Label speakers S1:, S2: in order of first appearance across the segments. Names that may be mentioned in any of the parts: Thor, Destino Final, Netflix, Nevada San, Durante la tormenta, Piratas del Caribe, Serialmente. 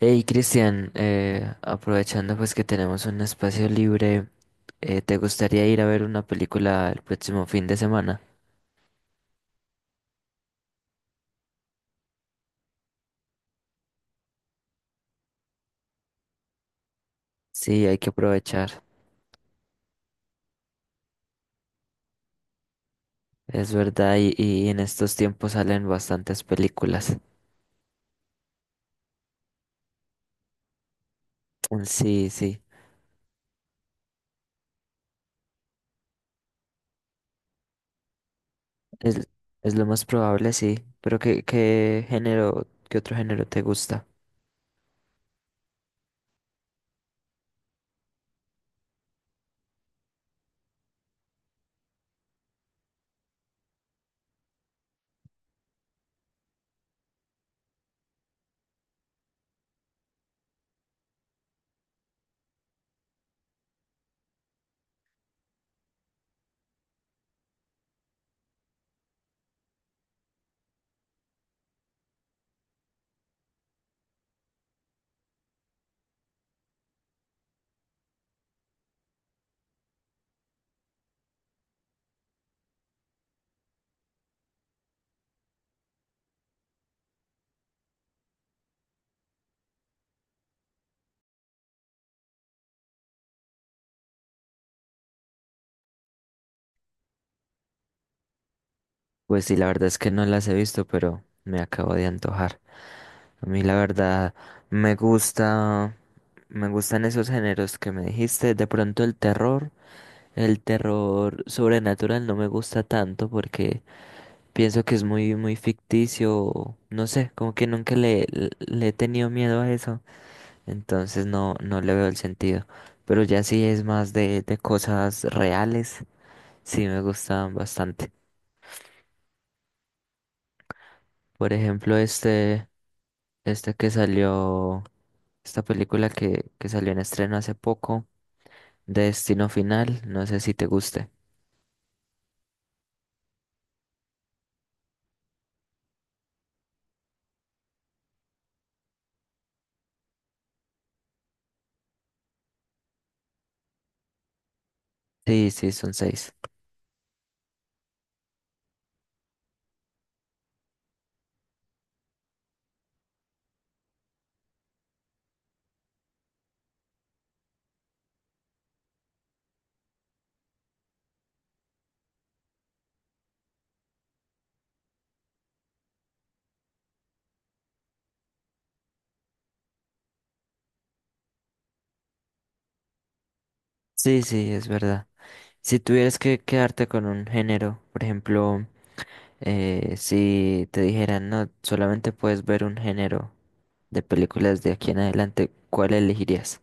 S1: Hey Cristian, aprovechando pues que tenemos un espacio libre, ¿te gustaría ir a ver una película el próximo fin de semana? Sí, hay que aprovechar, es verdad, y en estos tiempos salen bastantes películas. Mm, sí, sí, es, es lo más probable, sí, pero ¿qué género, qué otro género te gusta? Pues sí, la verdad es que no las he visto, pero me acabo de antojar. A mí la verdad me gusta, me gustan esos géneros que me dijiste. De pronto el terror sobrenatural no me gusta tanto porque pienso que es muy ficticio. No sé, como que nunca le, le he tenido miedo a eso. Entonces no le veo el sentido. Pero ya sí es más de cosas reales. Sí me gustan bastante. Por ejemplo, este. Esta que salió, Esta película que salió en estreno hace poco, de Destino Final, no sé si te guste. Sí, sí, son seis. Sí, sí, es verdad. Si tuvieras que quedarte con un género, por ejemplo, si te dijeran, no, solamente puedes ver un género de películas de aquí en adelante, ¿cuál elegirías?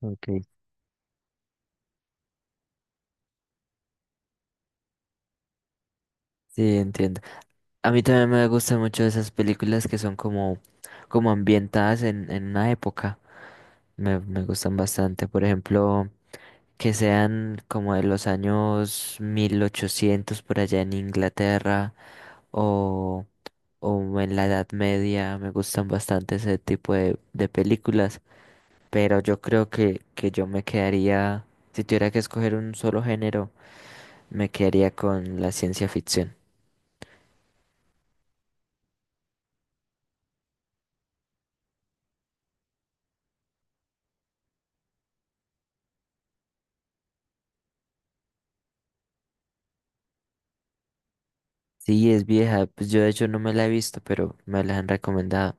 S1: Ok, sí, entiendo. A mí también me gustan mucho esas películas que son como ambientadas en una época. Me gustan bastante. Por ejemplo, que sean como de los años 1800 por allá en Inglaterra o, o en la Edad Media. Me gustan bastante ese tipo de películas. Pero yo creo que que yo me quedaría, si tuviera que escoger un solo género, me quedaría con la ciencia ficción. Sí, es vieja. Pues yo de hecho no me la he visto, pero me la han recomendado.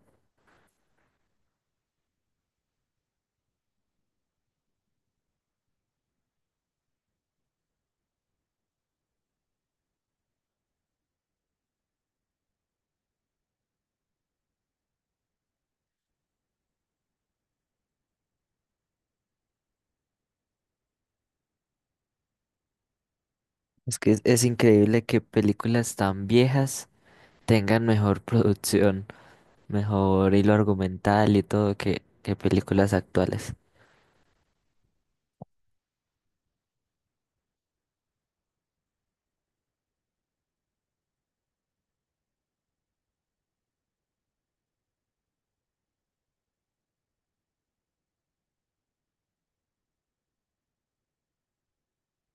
S1: Es que es increíble que películas tan viejas tengan mejor producción, mejor hilo argumental y todo que que, películas actuales.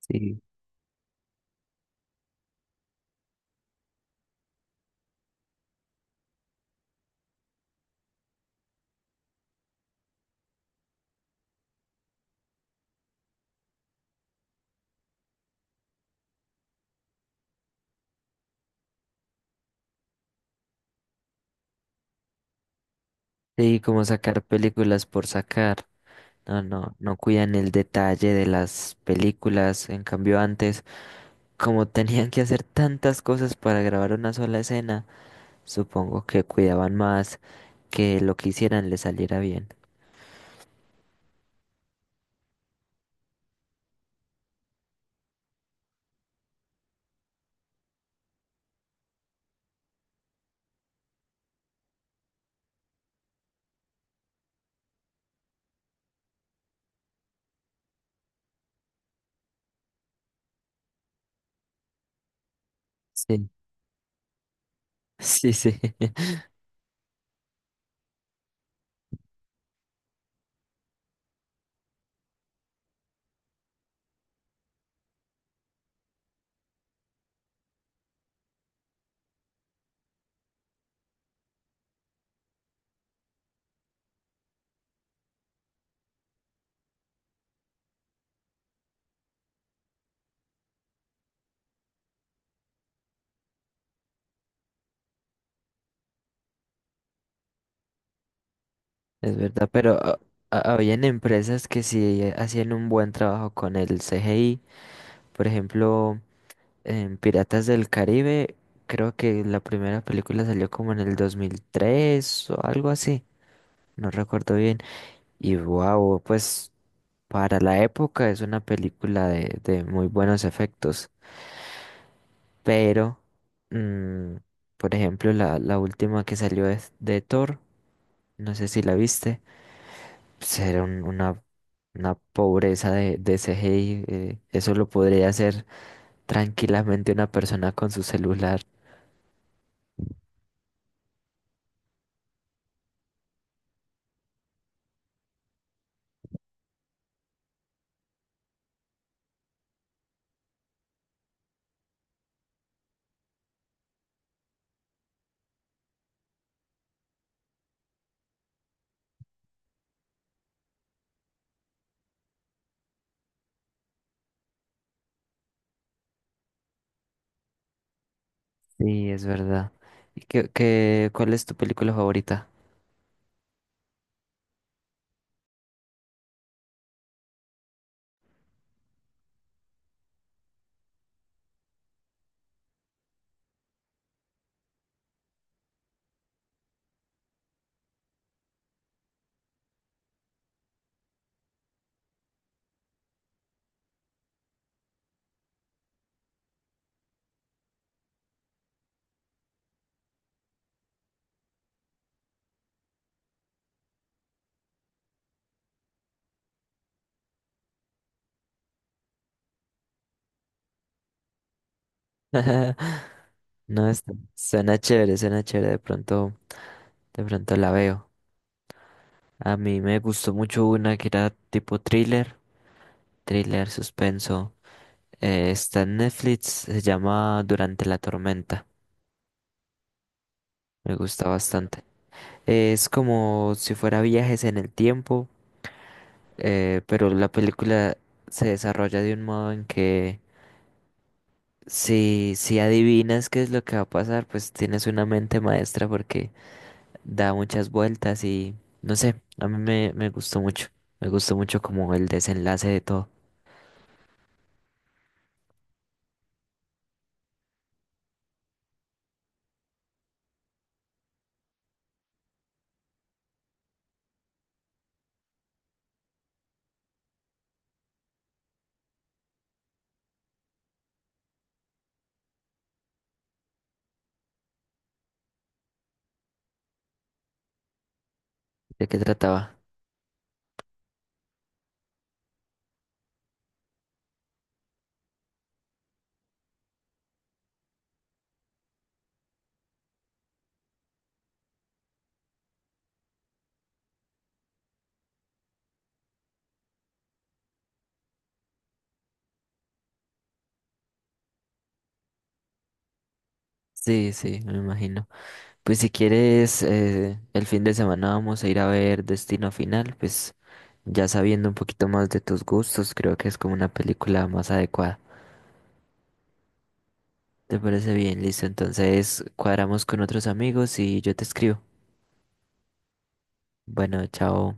S1: Sí. Sí, como sacar películas por sacar. No, no cuidan el detalle de las películas. En cambio, antes, como tenían que hacer tantas cosas para grabar una sola escena, supongo que cuidaban más que lo que hicieran le saliera bien. Sí. Sí, sí, es verdad, pero ah, ah, habían empresas que sí hacían un buen trabajo con el CGI. Por ejemplo, en Piratas del Caribe, creo que la primera película salió como en el 2003 o algo así, no recuerdo bien. Y wow, pues para la época es una película de muy buenos efectos, pero, mm, por ejemplo, la última que salió es de Thor, no sé si la viste. ser un- una, una pobreza de CGI, eso lo podría hacer tranquilamente una persona con su celular. Sí, es verdad. ¿Y cuál es tu película favorita? No, suena chévere, de pronto la veo. A mí me gustó mucho una que era tipo thriller, suspenso. Está en Netflix, se llama Durante la tormenta. Me gusta bastante. Es como si fuera viajes en el tiempo, pero la película se desarrolla de un modo en que si adivinas qué es lo que va a pasar, pues tienes una mente maestra porque da muchas vueltas y no sé, a me gustó mucho. Me gustó mucho como el desenlace de todo. ¿De qué trataba? Sí, sí, me imagino. Pues si quieres, el fin de semana vamos a ir a ver Destino Final, pues ya sabiendo un poquito más de tus gustos, creo que es como una película más adecuada. ¿Te parece bien? Listo, entonces cuadramos con otros amigos y yo te escribo. Bueno, chao.